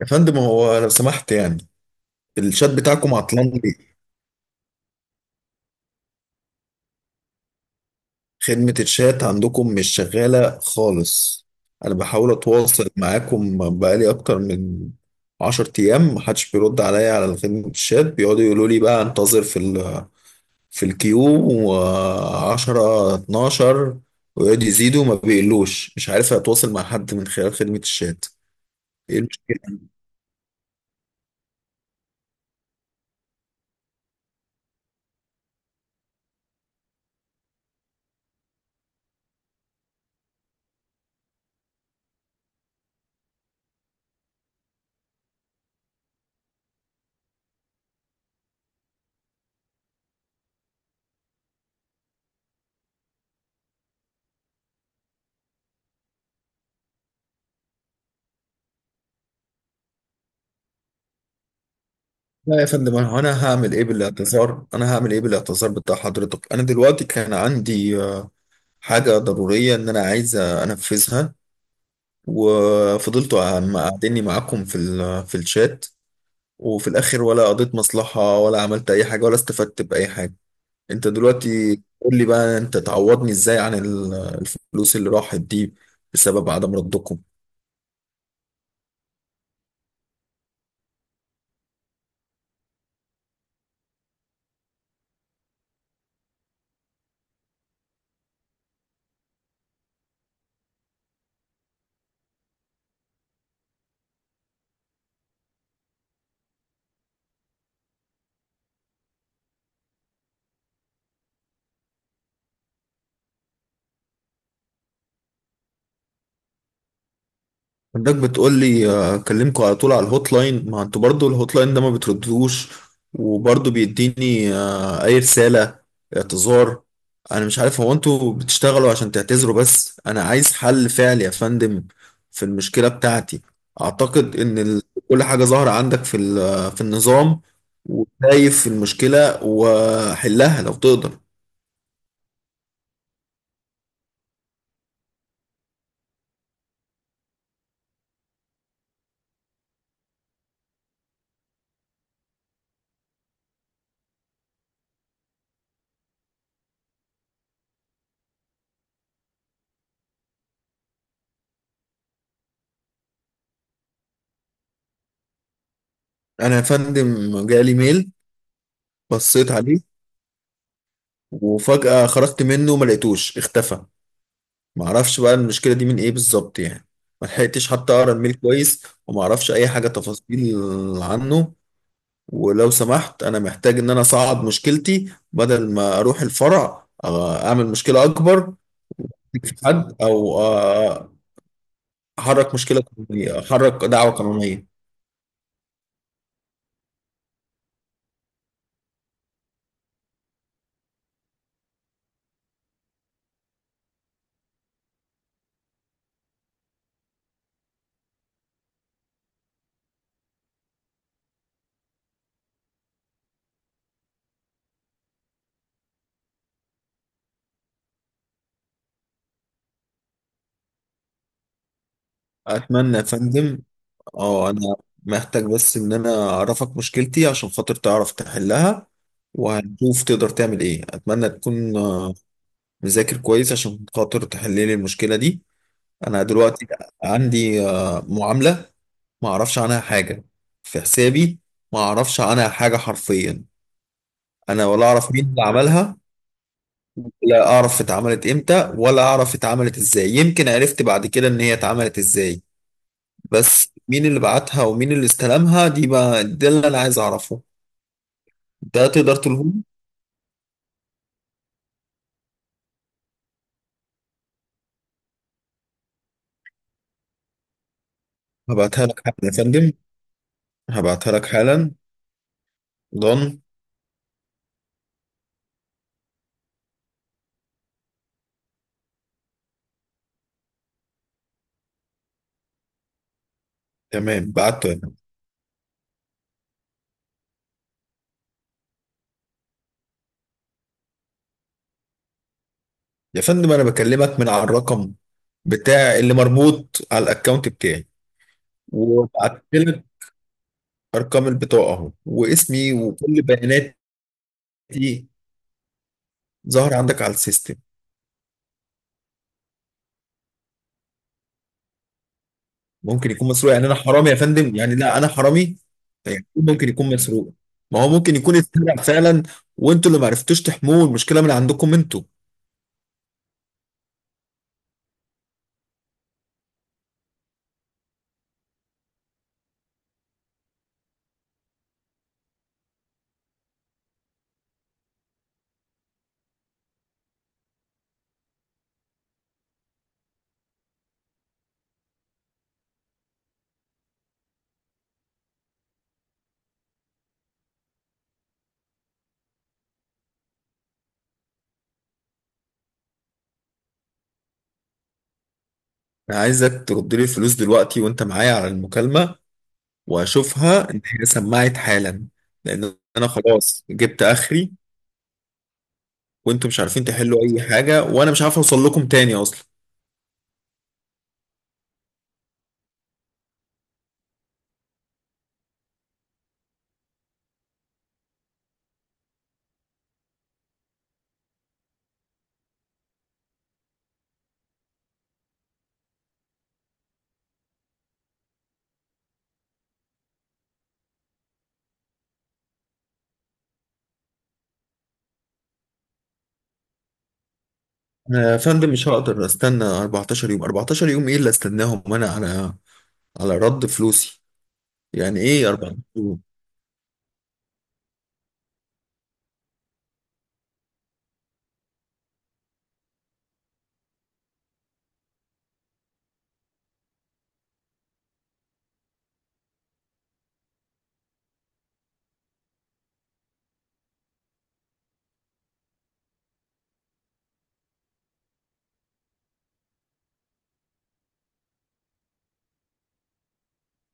يا فندم، هو لو سمحت يعني الشات بتاعكم عطلان ليه؟ خدمة الشات عندكم مش شغالة خالص. أنا بحاول أتواصل معاكم بقالي أكتر من 10 أيام، محدش بيرد عليا على خدمة الشات. بيقعدوا يقولوا لي بقى أنتظر في الكيو، وعشرة اتناشر، ويقعدوا يزيدوا ما بيقلوش. مش عارف أتواصل مع حد من خلال خدمة الشات. إيه المشكلة؟ لا يا فندم، أنا هعمل إيه بالاعتذار؟ أنا هعمل إيه بالاعتذار بتاع حضرتك؟ أنا دلوقتي كان عندي حاجة ضرورية إن أنا عايز أنفذها، وفضلتوا قاعديني معاكم في الشات، وفي الآخر ولا قضيت مصلحة، ولا عملت أي حاجة، ولا استفدت بأي حاجة. أنت دلوقتي قول لي بقى أنت تعوضني إزاي عن الفلوس اللي راحت دي، بسبب عدم ردكم. عندك بتقول لي اكلمكوا على طول على الهوت لاين، ما انتوا برضو الهوت لاين ده ما بتردوش، وبرضو بيديني اي رسالة اعتذار. انا مش عارف هو انتوا بتشتغلوا عشان تعتذروا بس، انا عايز حل فعلي يا فندم في المشكلة بتاعتي. اعتقد ان كل حاجة ظاهرة عندك في النظام، وشايف المشكلة وحلها لو تقدر. انا يا فندم جالي ميل، بصيت عليه وفجأة خرجت منه، ما لقيتوش، اختفى. ما اعرفش بقى المشكله دي من ايه بالظبط يعني. ما لحقتش حتى اقرا الميل كويس، وما اعرفش اي حاجه تفاصيل عنه. ولو سمحت انا محتاج ان انا اصعد مشكلتي بدل ما اروح الفرع اعمل مشكله اكبر في حد او احرك مشكله قانونيه، احرك دعوه قانونيه. اتمنى يا فندم. اه، انا محتاج بس ان انا اعرفك مشكلتي عشان خاطر تعرف تحلها، وهنشوف تقدر تعمل ايه. اتمنى تكون نذاكر كويس عشان خاطر تحل لي المشكلة دي. أنا دلوقتي عندي معاملة ما أعرفش عنها حاجة في حسابي، ما أعرفش عنها حاجة حرفيا. أنا ولا أعرف مين اللي عملها، لا أعرف اتعملت إمتى، ولا أعرف اتعملت إزاي. يمكن عرفت بعد كده إن هي اتعملت إزاي، بس مين اللي بعتها ومين اللي استلمها؟ دي بقى ده اللي أنا عايز أعرفه. ده تقدر تقوله لي؟ هبعتها لك حالا يا فندم، هبعتها لك حالا. ضن. تمام، بعته. يا فندم انا بكلمك من على الرقم بتاع اللي مربوط على الاكونت بتاعي، وبعت لك ارقام البطاقه اهو واسمي وكل بياناتي. ظهر عندك على السيستم. ممكن يكون مسروق يعني؟ انا حرامي يا فندم يعني؟ لا، انا حرامي يعني؟ ممكن يكون مسروق. ما هو ممكن يكون اتسرق فعلا، وانتوا اللي ما عرفتوش تحموه. المشكله من عندكم انتوا. انا عايزك ترد لي الفلوس دلوقتي وانت معايا على المكالمه، واشوفها ان هي سمعت حالا، لان انا خلاص جبت اخري، وانتوا مش عارفين تحلوا اي حاجه، وانا مش عارف اوصل لكم تاني اصلا. انا يا فندم مش هقدر استنى 14 يوم. 14 يوم ايه اللي استناهم وانا على رد فلوسي؟ يعني ايه 14 يوم؟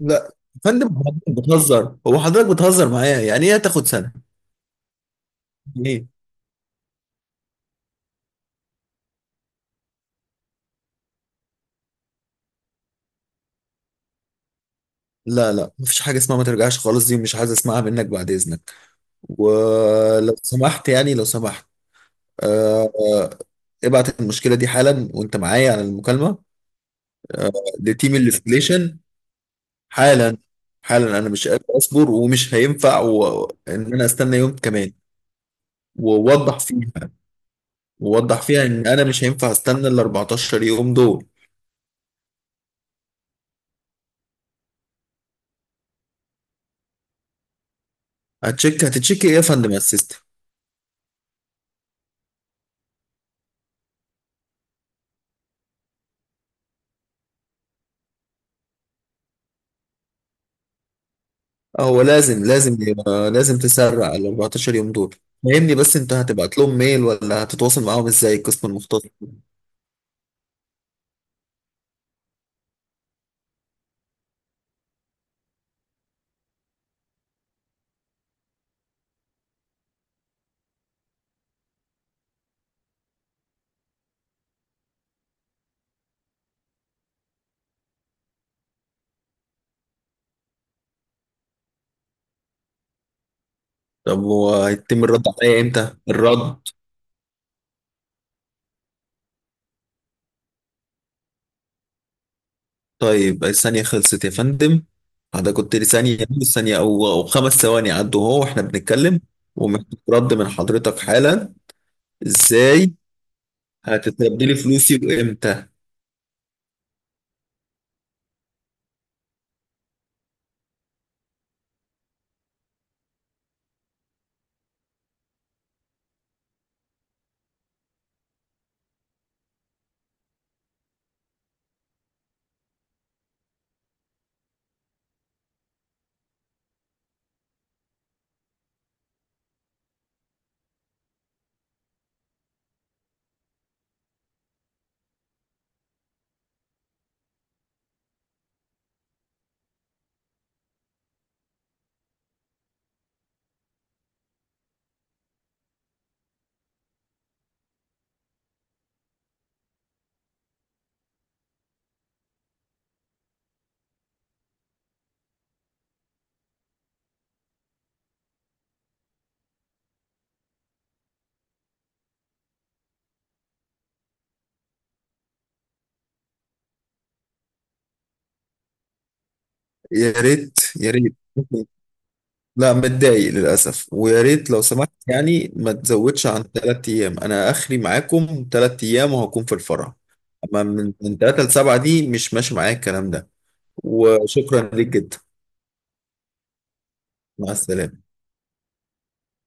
لا يا فندم، حضرتك بتهزر؟ هو حضرتك بتهزر معايا؟ يعني ايه هتاخد سنه؟ يعني ايه؟ لا لا، مفيش حاجه اسمها ما ترجعش خالص، دي مش عايز اسمعها منك بعد اذنك. ولو سمحت يعني، لو سمحت. آه آه، ابعت المشكله دي حالا وانت معايا على المكالمه. آه، لتيم الاستليشن، حالا. حالا، انا مش قادر اصبر، ومش هينفع ان انا استنى يوم كمان. ووضح فيها، ووضح فيها ان انا مش هينفع استنى ال 14 يوم دول. هتتشيك ايه يا فندم على السيستم؟ هو لازم، لازم تسرع ال 14 يوم دول. فهمني بس، انت هتبعت لهم ميل ولا هتتواصل معاهم ازاي القسم المختص؟ طب وهيتم الرد عليا امتى الرد؟ طيب الثانية خلصت يا فندم، حضرتك قلت لي ثانية. ثانية أو 5 ثواني عدوا أهو وإحنا بنتكلم، ومحتاج رد من حضرتك حالا. إزاي هتتردي لي فلوسي وإمتى؟ يا ريت يا ريت لا، متضايق للأسف. ويا ريت لو سمحت يعني ما تزودش عن 3 أيام. أنا آخري معاكم 3 أيام وهكون في الفرح. أما من 3 ل 7 دي مش ماشي معايا الكلام ده. وشكرا ليك جدا. مع السلامة.